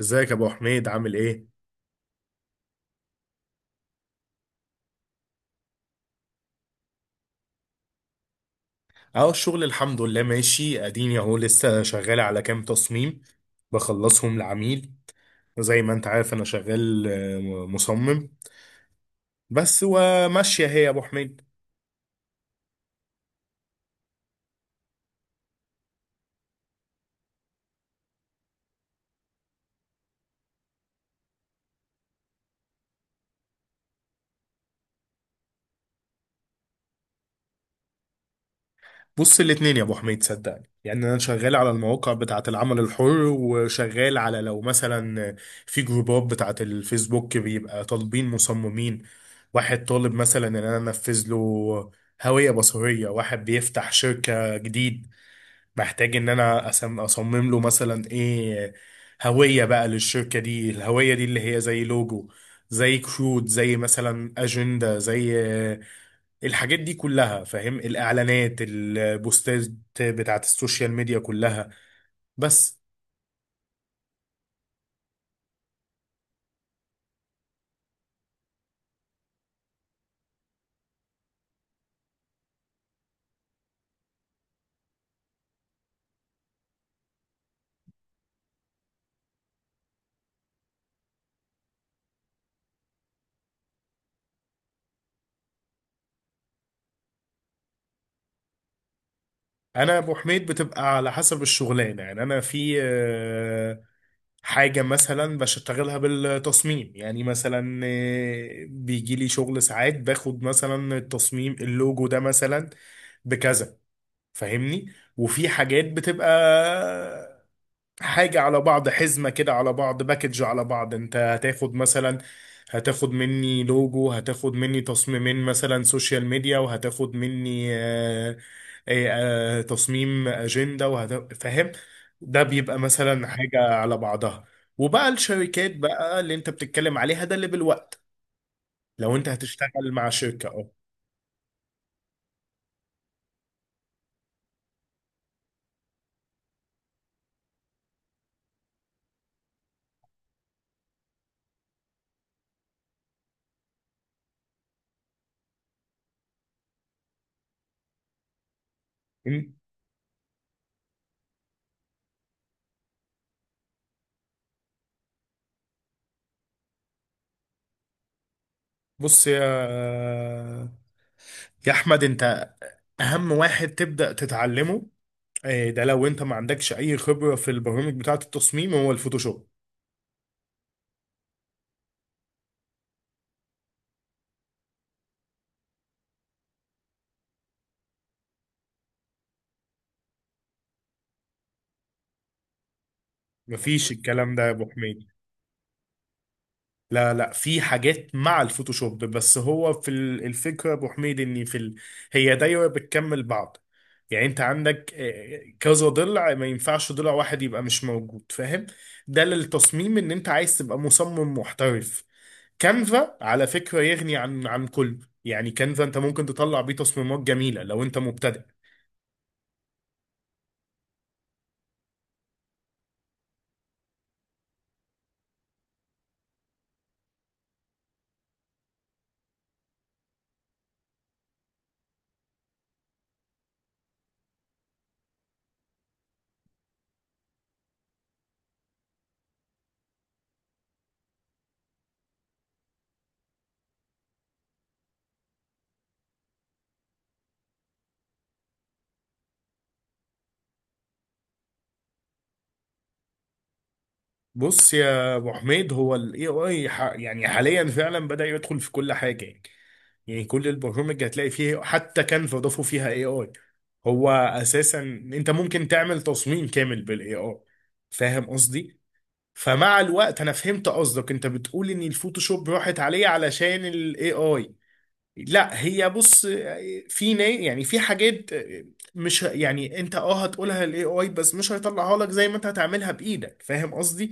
ازيك يا ابو حميد، عامل ايه؟ اهو الشغل الحمد لله ماشي، اديني اهو لسه شغال على كام تصميم بخلصهم لعميل. زي ما انت عارف انا شغال، مصمم، بس وماشيه هي يا ابو حميد. بص، الاتنين يا ابو حميد، صدقني يعني انا شغال على المواقع بتاعه العمل الحر، وشغال على، لو مثلا في جروبات بتاعه الفيسبوك بيبقى طالبين مصممين، واحد طالب مثلا ان انا انفذ له هوية بصرية، واحد بيفتح شركة جديد بحتاج ان انا اصمم له مثلا ايه، هوية بقى للشركة دي. الهوية دي اللي هي زي لوجو، زي كروت، زي مثلا اجندة، زي الحاجات دي كلها، فاهم؟ الاعلانات، البوستات بتاعت السوشيال ميديا كلها، بس. انا يا ابو حميد بتبقى على حسب الشغلانة، يعني انا في حاجة مثلا بشتغلها بالتصميم، يعني مثلا بيجي لي شغل ساعات باخد مثلا التصميم اللوجو ده مثلا بكذا، فاهمني؟ وفي حاجات بتبقى حاجة على بعض، حزمة كده على بعض، باكج على بعض، انت هتاخد مثلا، هتاخد مني لوجو، هتاخد مني تصميمين مثلا سوشيال ميديا، وهتاخد مني تصميم أجندة فاهم؟ ده بيبقى مثلا حاجة على بعضها. وبقى الشركات بقى اللي انت بتتكلم عليها ده اللي بالوقت، لو انت هتشتغل مع شركة اه. إن- بص يا احمد، انت اهم واحد تبدأ تتعلمه إيه ده لو انت ما عندكش اي خبرة في البرامج بتاعة التصميم هو الفوتوشوب. مفيش الكلام ده يا ابو حميد، لا لا، في حاجات مع الفوتوشوب، بس هو في الفكرة يا ابو حميد، ان في هي دايرة بتكمل بعض. يعني انت عندك كذا ضلع، ما ينفعش ضلع واحد يبقى مش موجود، فاهم؟ ده للتصميم ان انت عايز تبقى مصمم محترف. كانفا على فكرة يغني عن كله، يعني كانفا انت ممكن تطلع بيه تصميمات جميلة لو انت مبتدئ. بص يا ابو حميد، هو الاي اي يعني حاليا فعلا بدأ يدخل في كل حاجه. يعني كل البرامج هتلاقي فيه، حتى كانفا ضافوا فيها اي اي. هو اساسا انت ممكن تعمل تصميم كامل بالاي اي، فاهم قصدي؟ فمع الوقت انا فهمت قصدك، انت بتقول ان الفوتوشوب راحت عليه علشان الاي اي. لا هي بص، في يعني في حاجات مش ه- يعني انت اه هتقولها الاي اي بس مش هيطلعها لك زي ما انت هتعملها بايدك، فاهم قصدي؟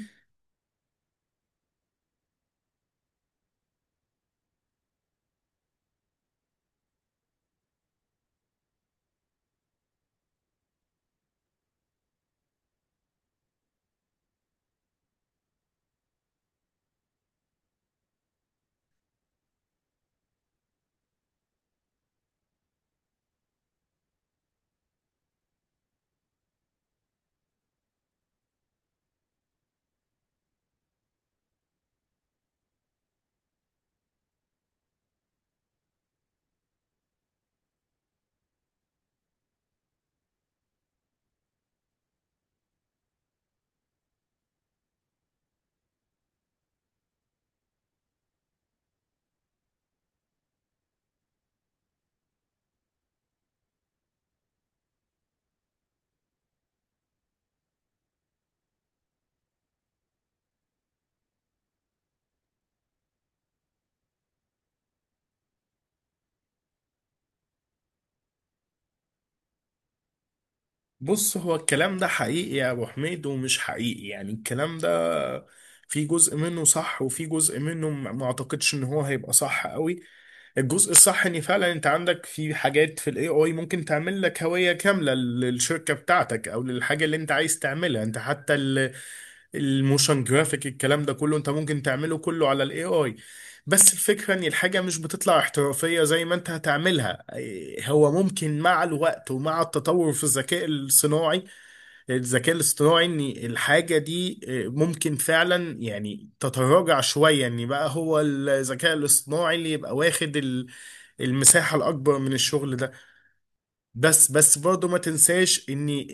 بص، هو الكلام ده حقيقي يا ابو حميد ومش حقيقي. يعني الكلام ده في جزء منه صح وفي جزء منه ما اعتقدش ان هو هيبقى صح قوي. الجزء الصح ان فعلا انت عندك في حاجات في الاي اي ممكن تعمل لك هوية كاملة للشركة بتاعتك او للحاجة اللي انت عايز تعملها. انت حتى الموشن جرافيك الكلام ده كله انت ممكن تعمله كله على الاي اي. بس الفكرة ان الحاجة مش بتطلع احترافية زي ما انت هتعملها. هو ممكن مع الوقت ومع التطور في الذكاء الصناعي، الذكاء الاصطناعي ان الحاجة دي ممكن فعلا يعني تتراجع شوية، ان بقى هو الذكاء الاصطناعي اللي يبقى واخد المساحة الاكبر من الشغل ده. بس برضه ما تنساش ان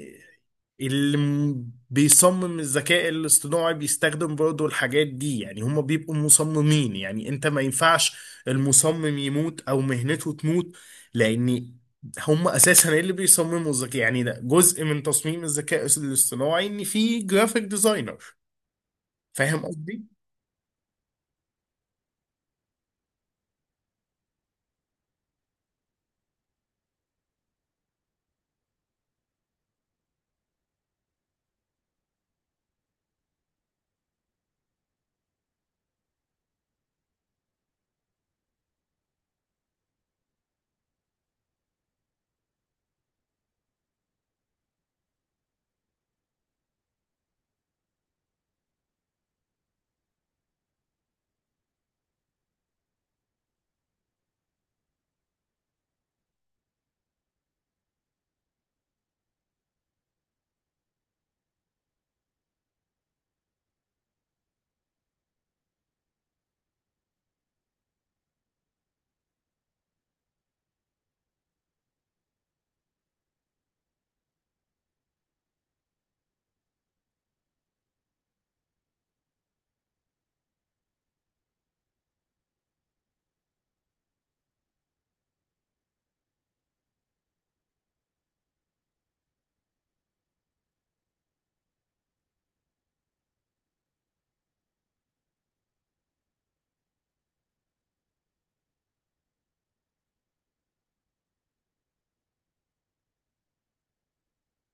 اللي بيصمم الذكاء الاصطناعي بيستخدم برضه الحاجات دي، يعني هم بيبقوا مصممين، يعني انت ما ينفعش المصمم يموت او مهنته تموت. لان هم اساسا اللي بيصمموا الذكاء، يعني ده جزء من تصميم الذكاء الاصطناعي ان في جرافيك ديزاينر. فاهم قصدي؟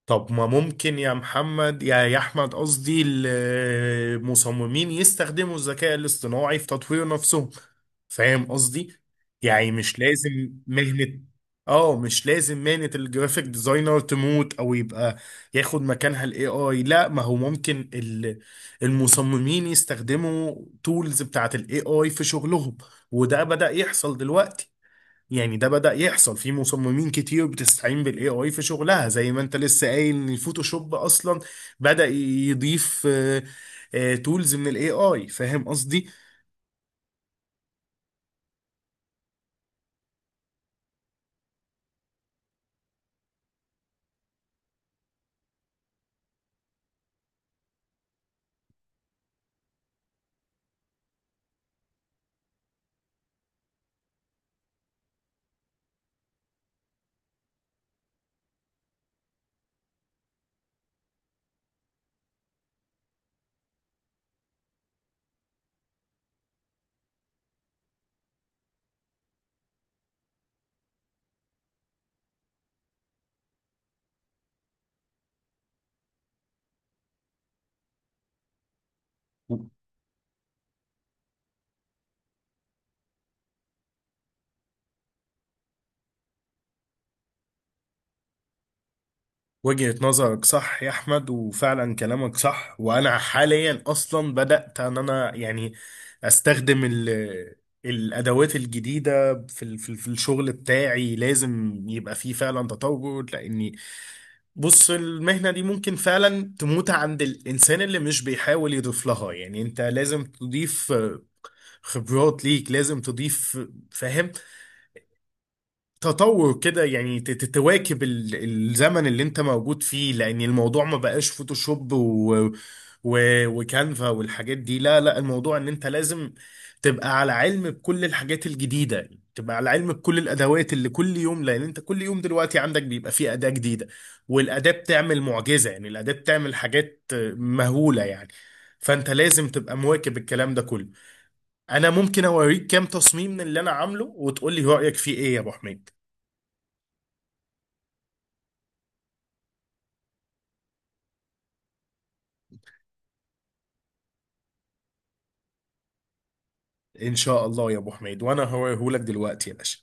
طب ما ممكن يا محمد، يا احمد قصدي، المصممين يستخدموا الذكاء الاصطناعي في تطوير نفسهم، فاهم قصدي؟ يعني مش لازم مهنة. اه، مش لازم مهنة الجرافيك ديزاينر تموت او يبقى ياخد مكانها الاي اي، لا. ما هو ممكن المصممين يستخدموا تولز بتاعت الاي اي في شغلهم، وده بدأ يحصل دلوقتي. يعني ده بدأ يحصل، في مصممين كتير بتستعين بالاي اي في شغلها زي ما انت لسه قايل ان الفوتوشوب اصلا بدأ يضيف تولز من الاي اي، فاهم قصدي؟ وجهة نظرك صح يا احمد، وفعلا كلامك صح، وانا حاليا اصلا بدأت ان انا يعني استخدم الادوات الجديده في الشغل بتاعي. لازم يبقى فيه فعلا تطور. لان بص، المهنة دي ممكن فعلا تموت عند الإنسان اللي مش بيحاول يضيف لها، يعني أنت لازم تضيف خبرات ليك، لازم تضيف فاهم، تطور كده، يعني تواكب الزمن اللي انت موجود فيه. لان الموضوع ما بقاش فوتوشوب و... وكانفا والحاجات دي، لا لا، الموضوع ان انت لازم تبقى على علم بكل الحاجات الجديدة، تبقى على علم بكل الادوات اللي كل يوم. لان انت كل يوم دلوقتي عندك بيبقى فيه اداة جديدة، والاداة بتعمل معجزة، يعني الاداة بتعمل حاجات مهولة يعني، فانت لازم تبقى مواكب الكلام ده كله. انا ممكن اوريك كام تصميم من اللي انا عامله وتقولي رأيك فيه ايه يا ابو حميد؟ ان شاء الله يا ابو حميد، وانا هوريهولك دلوقتي يا باشا.